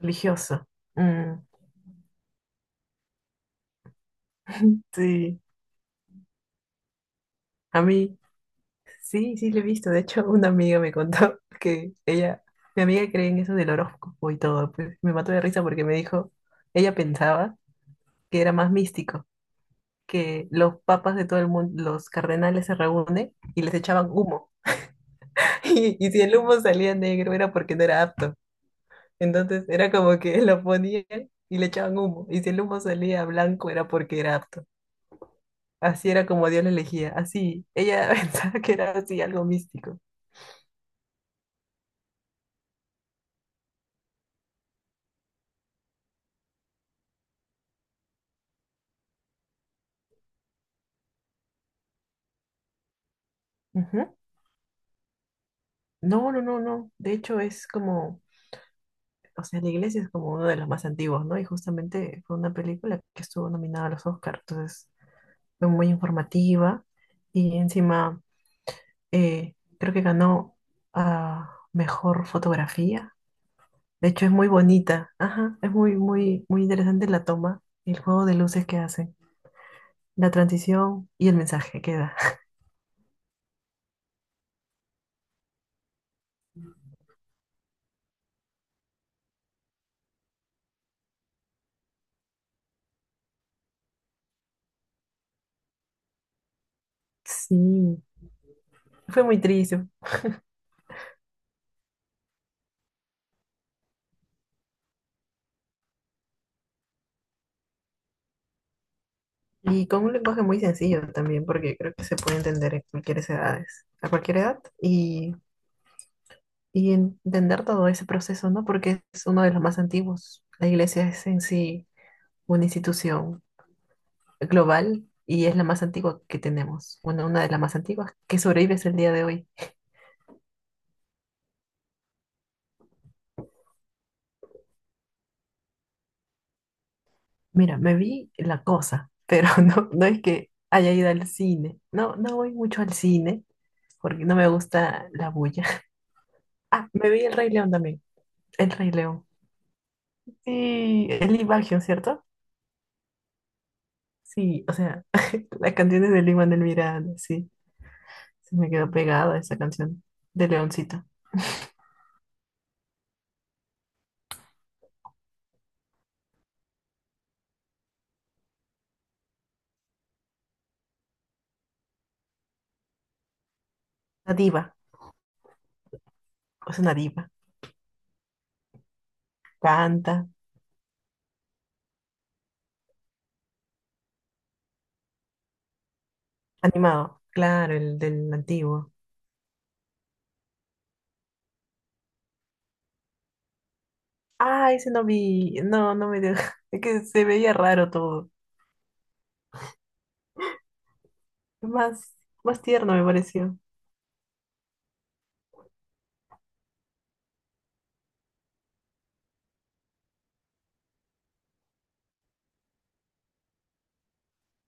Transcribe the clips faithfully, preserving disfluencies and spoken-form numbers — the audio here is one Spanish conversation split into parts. Religioso. Mm. Sí, a mí sí, sí lo he visto. De hecho, una amiga me contó que ella, mi amiga cree en eso del horóscopo y todo. Pues me mató de risa porque me dijo, ella pensaba que era más místico, que los papas de todo el mundo, los cardenales se reúnen y les echaban humo. Y, y si el humo salía negro era porque no era apto. Entonces era como que lo ponían y le echaban humo. Y si el humo salía blanco era porque era apto. Así era como Dios la elegía, así. Ella pensaba que era así algo místico. Ujú. No, no, no, no. De hecho, es como, o sea, la iglesia es como uno de los más antiguos, ¿no? Y justamente fue una película que estuvo nominada a los Oscars, entonces fue muy informativa y encima. Eh, creo que ganó a mejor fotografía. De hecho, es muy bonita. Ajá, es muy, muy, muy interesante la toma, el juego de luces que hacen, la transición y el mensaje que da. Sí, fue muy triste. Y con un lenguaje muy sencillo también, porque creo que se puede entender en cualquier edades, a cualquier edad, y, y entender todo ese proceso, ¿no? Porque es uno de los más antiguos. La iglesia es en sí una institución global y es la más antigua que tenemos. Bueno, una de las más antiguas que sobrevive hasta el día de hoy. Mira, me vi La Cosa, pero no, no es que haya ido al cine. No, no voy mucho al cine porque no me gusta la bulla. Ah, me vi El Rey León también. El Rey León. Sí, el Baggio, ¿cierto? Sí, o sea, las canciones de Lin Manuel Miranda, sí. Se me quedó pegada esa canción de Leoncito. Una diva, es una diva. Canta, animado. Claro, el del antiguo. Ah, ese no vi, no, no me dio, es que se veía raro todo, más, más tierno me pareció,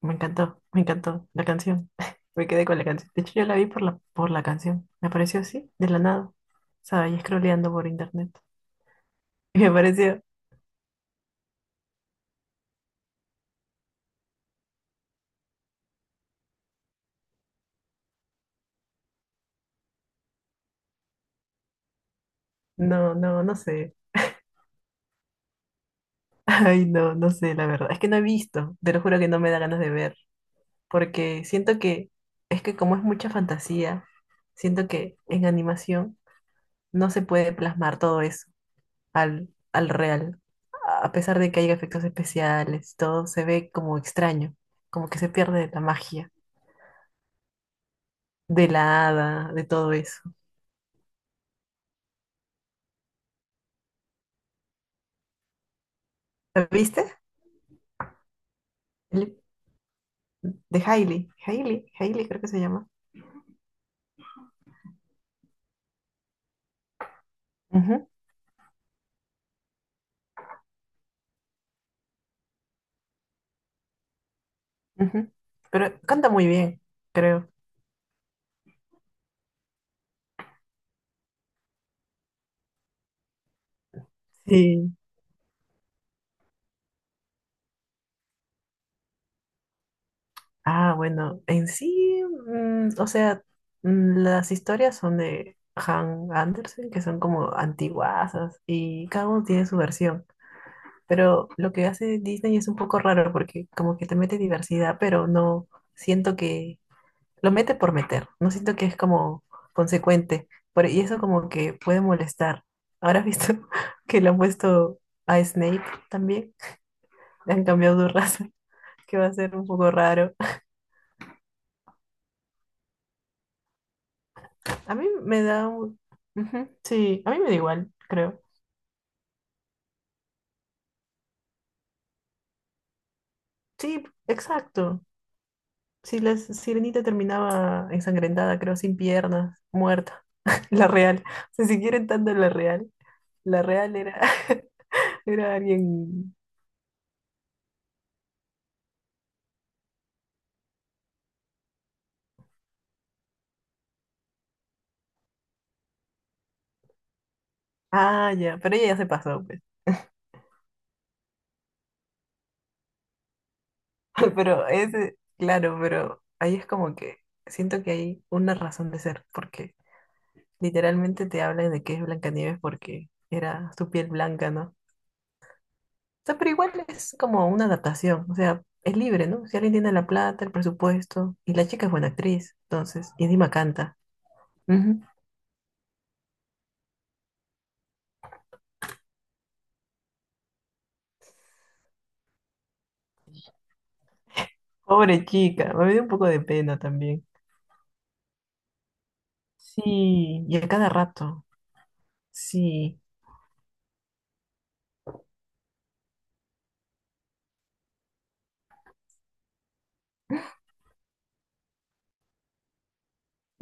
me encantó, me encantó la canción, me quedé con la canción, de hecho yo la vi por la, por la canción, me apareció así, de la nada, o sea, ahí scrolleando por internet, y me pareció, no, no, no sé, ay, no, no sé, la verdad, es que no he visto, te lo juro que no me da ganas de ver, porque siento que, es que como es mucha fantasía, siento que en animación no se puede plasmar todo eso al, al real. A pesar de que haya efectos especiales, todo se ve como extraño, como que se pierde la magia de la hada, de todo eso. ¿La viste? El- De Hailey. Hailey, Hailey creo que se llama. Ujú, ujú. Pero canta muy bien, creo. Sí. Ah, bueno, en sí, mm, o sea, mm, las historias son de Han Andersen, que son como antiguasas, y cada uno tiene su versión. Pero lo que hace Disney es un poco raro porque como que te mete diversidad, pero no siento que lo mete por meter, no siento que es como consecuente. Por, y eso como que puede molestar. Ahora has visto que le han puesto a Snape también, le han cambiado su raza, que va a ser un poco raro. A mí me da un. Ujú, sí, a mí me da igual, creo. Sí, exacto. Sí, la sirenita terminaba ensangrentada, creo, sin piernas, muerta. La real. O sea, si quieren tanto la real. La real era, era alguien. Ah, ya. Pero ella ya se pasó, pues. Pero ese, claro, pero ahí es como que siento que hay una razón de ser, porque literalmente te hablan de que es Blancanieves porque era su piel blanca, ¿no? O sea, pero igual es como una adaptación. O sea, es libre, ¿no? Si alguien tiene la plata, el presupuesto, y la chica es buena actriz, entonces, y encima canta. Ujú. Pobre chica, me dio un poco de pena también. Sí, y a cada rato. Sí.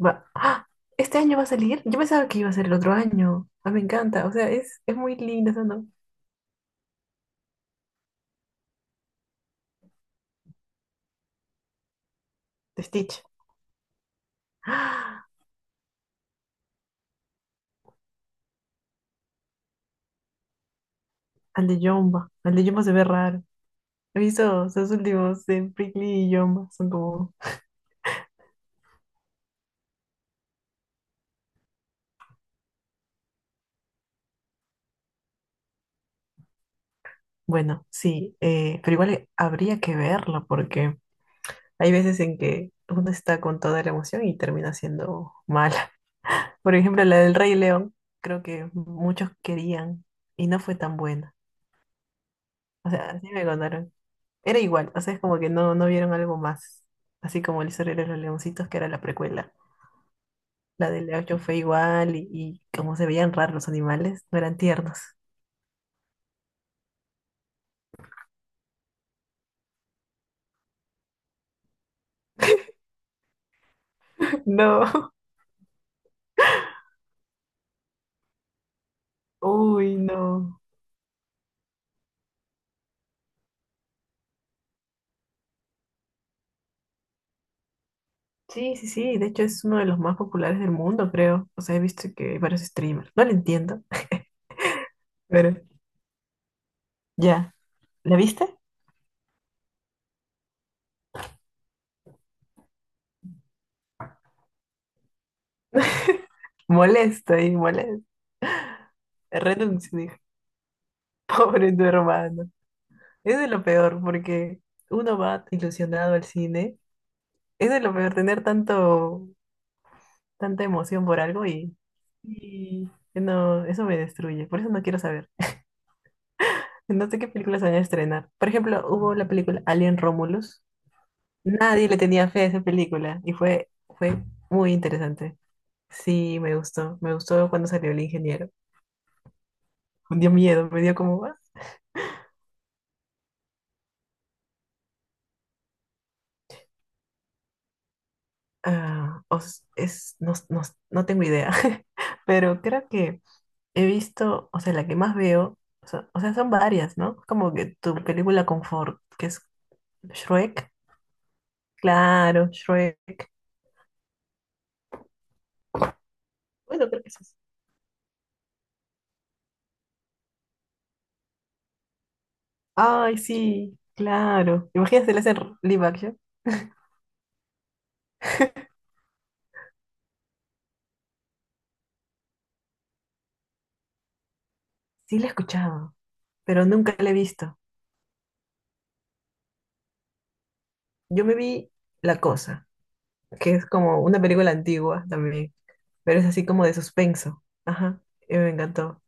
Va. ¡Ah! ¿Este año va a salir? Yo pensaba que iba a ser el otro año. Ah, me encanta. O sea, es, es muy linda esa, ¿no? De Stitch. ¡Ah! Al de Yomba. Al de Yomba se ve raro. He visto esos últimos de Prickly y Yomba. Son como. Bueno, sí. Eh, pero igual habría que verlo porque hay veces en que uno está con toda la emoción y termina siendo mal. Por ejemplo, la del Rey León, creo que muchos querían y no fue tan buena. O sea, así me contaron. Era igual, o sea, es como que no, no vieron algo más. Así como el historia de los leoncitos, que era la precuela. La del Leocho fue igual y, y como se veían raros los animales, no eran tiernos. No, uy, no. Sí, sí, sí, de hecho es uno de los más populares del mundo, creo. O sea, he visto que hay varios streamers. No lo entiendo, pero ya. ¿La viste? Molesto y molesto. Renuncio, dije. Pobre tu hermano. Es de lo peor, porque uno va ilusionado al cine. Es de lo peor tener tanto, tanta emoción por algo y, y no, eso me destruye. Por eso no quiero saber. No sé qué películas van a estrenar. Por ejemplo, hubo la película Alien Romulus. Nadie le tenía fe a esa película y fue, fue muy interesante. Sí, me gustó. Me gustó cuando salió el ingeniero. Me dio miedo, me dio como. Ah, ah, os- es, no, no, no tengo idea, pero creo que. He visto, o sea, la que más veo, o sea, o sea, son varias, ¿no? Como que tu película confort, que es Shrek, claro, Shrek. Bueno, creo que es eso. Ay, sí, claro. Imagínate, le hacen live action. Sí, la he escuchado, pero nunca la he visto. Yo me vi La Cosa, que es como una película antigua también, pero es así como de suspenso. Ajá, y me encantó.